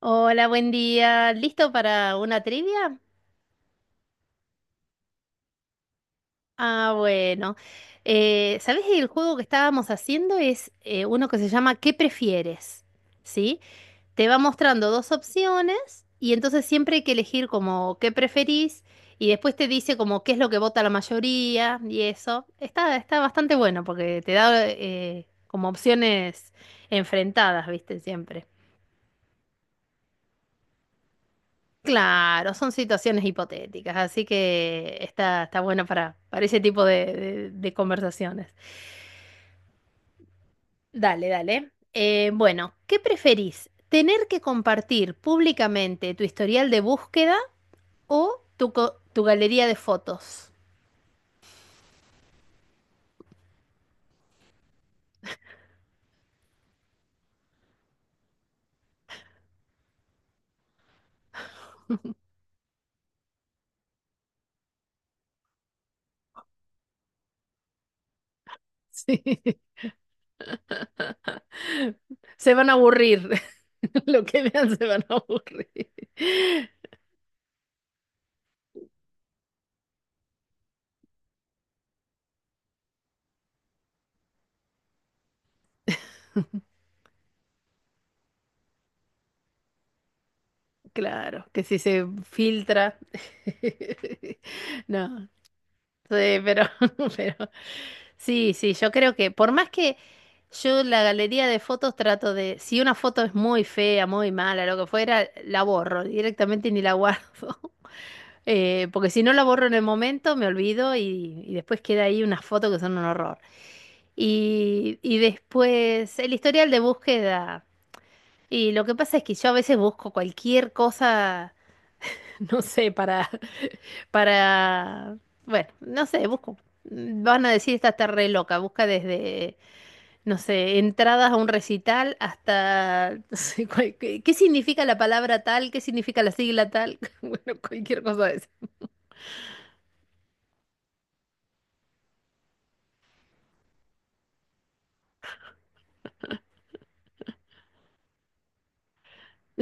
Hola, buen día. ¿Listo para una trivia? Ah, bueno. ¿Sabés que el juego que estábamos haciendo es uno que se llama ¿Qué prefieres? ¿Sí? Te va mostrando dos opciones y entonces siempre hay que elegir como qué preferís y después te dice como qué es lo que vota la mayoría y eso. Está bastante bueno porque te da como opciones enfrentadas, ¿viste? Siempre. Claro, son situaciones hipotéticas, así que está bueno para ese tipo de conversaciones. Dale, dale. Bueno, ¿qué preferís? ¿Tener que compartir públicamente tu historial de búsqueda o tu galería de fotos? Sí. Se van a aburrir. Lo que vean se van a aburrir. Claro, que si se filtra. No. Sí, pero, pero sí, sí, yo creo que por más que yo la galería de fotos trato de, si una foto es muy fea, muy mala, lo que fuera, la borro directamente y ni la guardo. Porque si no la borro en el momento, me olvido y después queda ahí unas fotos que son un horror. Y después el historial de búsqueda. Y lo que pasa es que yo a veces busco cualquier cosa, no sé, para, bueno, no sé, busco. Van a decir, esta está re loca, busca desde, no sé, entradas a un recital hasta, no sé, qué, qué significa la palabra tal, qué significa la sigla tal, bueno, cualquier cosa de esa.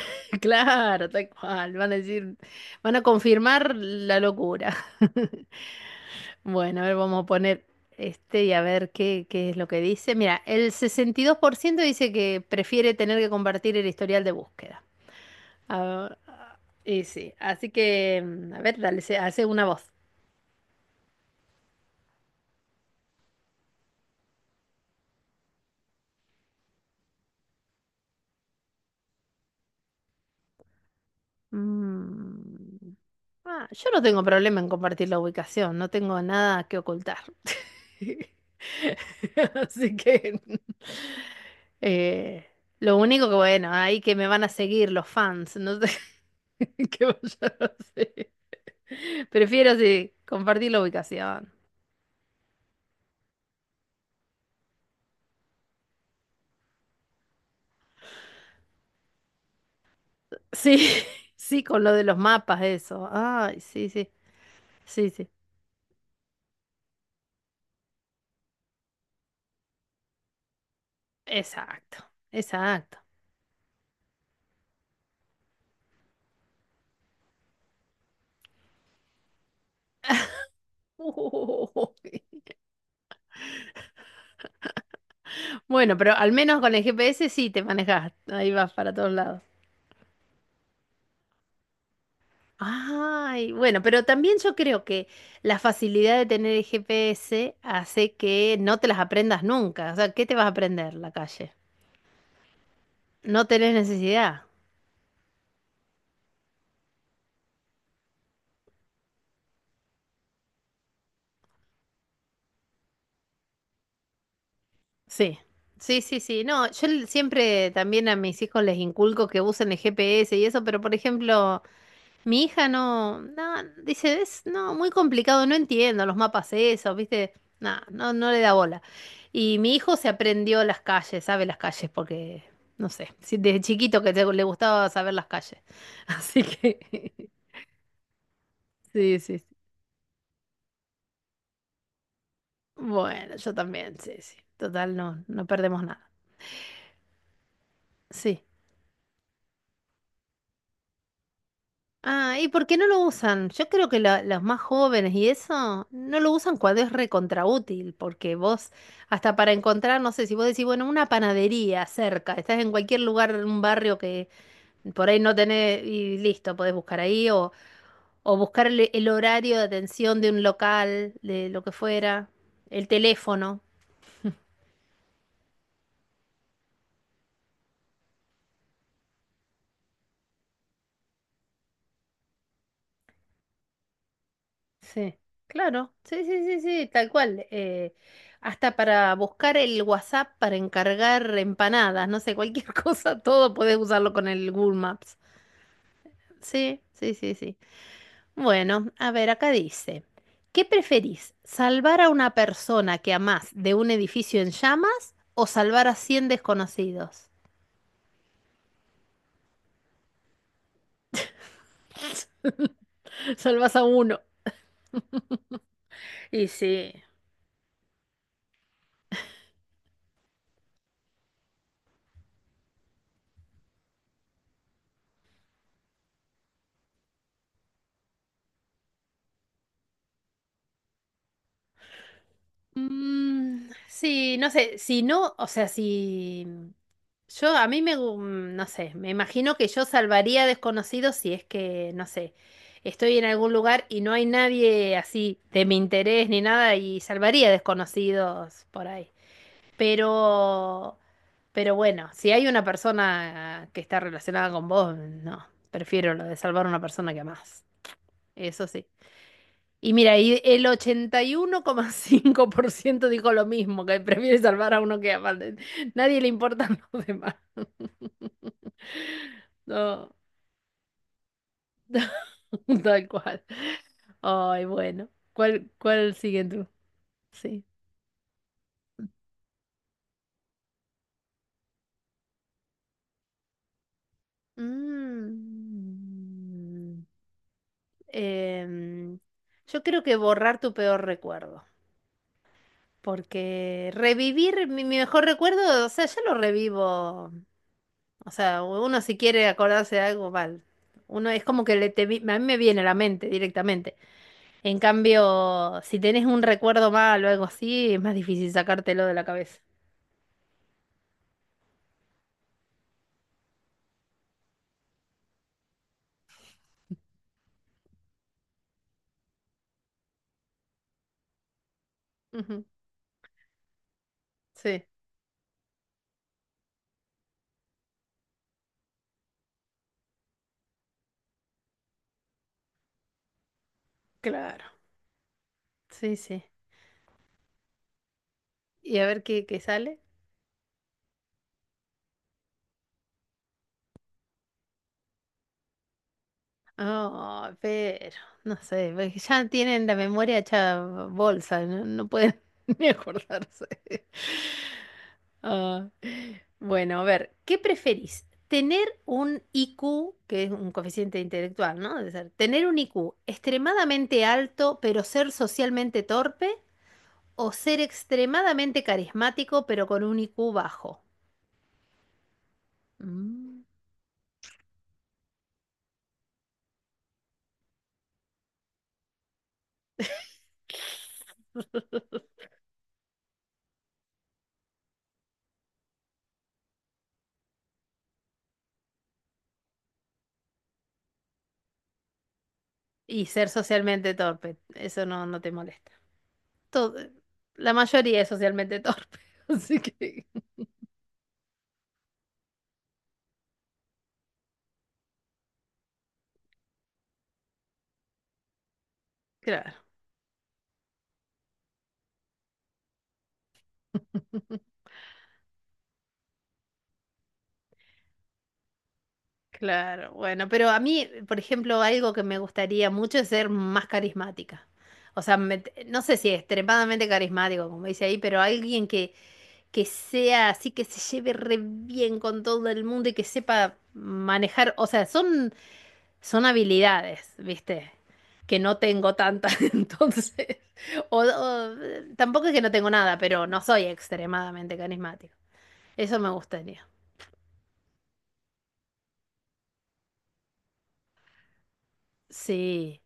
Claro, tal cual, van a decir, van a confirmar la locura. Bueno, a ver, vamos a poner este y a ver qué, qué es lo que dice. Mira, el 62% dice que prefiere tener que compartir el historial de búsqueda. Ah, ah, y sí, así que, a ver, hace una voz. Mm, ah, yo no tengo problema en compartir la ubicación, no tengo nada que ocultar. Así que, eh, lo único que, bueno, ahí que me van a seguir los fans, no sé qué vaya a hacer. Prefiero, sí, compartir la ubicación. Sí, sí, con lo de los mapas, eso. Ay, sí, sí, sí, sí. Exacto, exacto. Uy. Bueno, pero al menos con el GPS sí te manejas, ahí vas para todos lados. Ay, bueno, pero también yo creo que la facilidad de tener el GPS hace que no te las aprendas nunca. O sea, ¿qué te vas a aprender la calle? No tenés necesidad. Sí, sí, sí, sí. No, yo siempre también a mis hijos les inculco que usen el GPS y eso, pero por ejemplo... Mi hija no, no, dice, es no, muy complicado, no entiendo los mapas esos, ¿viste? No, no, no le da bola. Y mi hijo se aprendió las calles, sabe las calles, porque, no sé, sí, desde chiquito que le gustaba saber las calles. Así que, sí, sí, sí. Bueno, yo también, sí, sí. Total, no, no perdemos nada. Sí. Ah, ¿y por qué no lo usan? Yo creo que los más jóvenes y eso no lo usan cuando es recontraútil, porque vos, hasta para encontrar, no sé, si vos decís, bueno, una panadería cerca, estás en cualquier lugar, en un barrio que por ahí no tenés, y listo, podés buscar ahí, o buscar el horario de atención de un local, de lo que fuera, el teléfono. Sí, claro, sí, sí, sí, sí, tal cual. Hasta para buscar el WhatsApp para encargar empanadas, no sé, cualquier cosa, todo podés usarlo con el Google Maps. Sí, sí, sí, sí. Bueno, a ver, acá dice, ¿qué preferís? ¿Salvar a una persona que amás de un edificio en llamas o salvar a 100 desconocidos? Salvas a uno. Y sí. Sí, no sé, si no, o sea, si... Yo, a mí me, no sé, me imagino que yo salvaría desconocidos si es que, no sé, estoy en algún lugar y no hay nadie así de mi interés ni nada y salvaría desconocidos por ahí. Pero, pero bueno, si hay una persona que está relacionada con vos, no, prefiero lo de salvar a una persona que amás. Eso sí. Y mira, y el 81,5% dijo lo mismo, que prefiere salvar a uno que ama. Nadie le importan los demás. No. Tal cual. Ay, bueno. ¿Cuál sigue tú? Sí. Mm. Em, yo creo que borrar tu peor recuerdo, porque revivir mi mejor recuerdo, o sea, ya lo revivo, o sea, uno si quiere acordarse de algo, mal, uno es como que a mí me viene a la mente directamente. En cambio, si tenés un recuerdo mal o algo así, es más difícil sacártelo de la cabeza. Ujú. Sí, claro, sí, sí. Y a ver qué, qué sale. Oh, pero, no sé, porque ya tienen la memoria hecha bolsa, no, no pueden ni acordarse. Ah, bueno, a ver, ¿qué preferís? ¿Tener un IQ, que es un coeficiente intelectual, ¿no? Debe ser, tener un IQ extremadamente alto, pero ser socialmente torpe, o ser extremadamente carismático, pero con un IQ bajo? Mm. Y ser socialmente torpe, eso no, no te molesta. todo- la mayoría es socialmente torpe, así que, claro, claro, bueno, pero a mí, por ejemplo, algo que me gustaría mucho es ser más carismática. O sea, no sé si extremadamente carismático, como dice ahí, pero alguien que sea así, que se lleve re bien con todo el mundo y que sepa manejar, o sea, son habilidades, ¿viste? Que no tengo tantas, entonces. O, o, tampoco es que no tengo nada, pero no soy extremadamente carismático. Eso me gustaría. Sí,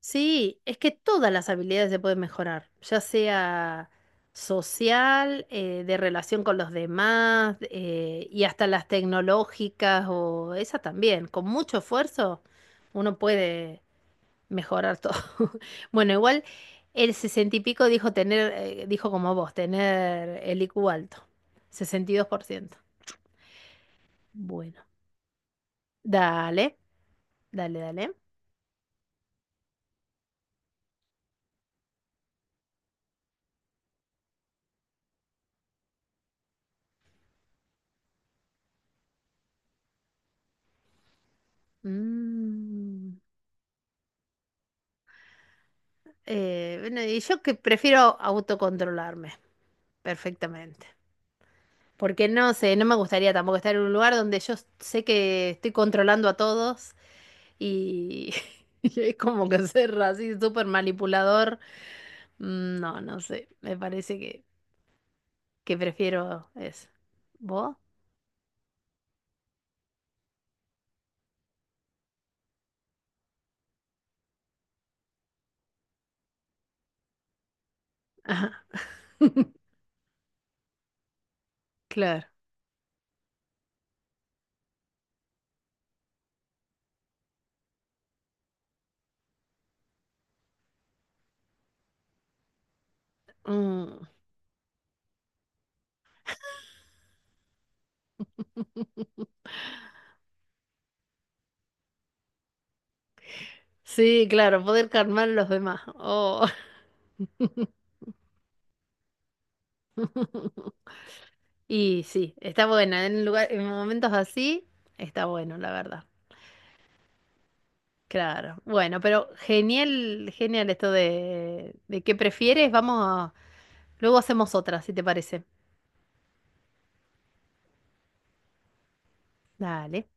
sí, es que todas las habilidades se pueden mejorar, ya sea social, de relación con los demás, y hasta las tecnológicas o esas también. Con mucho esfuerzo uno puede mejorar todo. Bueno, igual el sesenta y pico dijo tener, dijo como vos, tener el IQ alto. 62%. Bueno, dale, dale, dale. Mm, bueno, y yo que prefiero autocontrolarme perfectamente. Porque no sé, no me gustaría tampoco estar en un lugar donde yo sé que estoy controlando a todos y, y es como que ser así súper manipulador. No, no sé, me parece que prefiero es. ¿Vos? Ajá. Claro. Mm. Sí, claro, poder calmar a los demás. Oh. Y sí, está buena. En lugar, en momentos así, está bueno, la verdad. Claro. Bueno, pero genial, genial esto de qué prefieres. Luego hacemos otra, si te parece. Dale.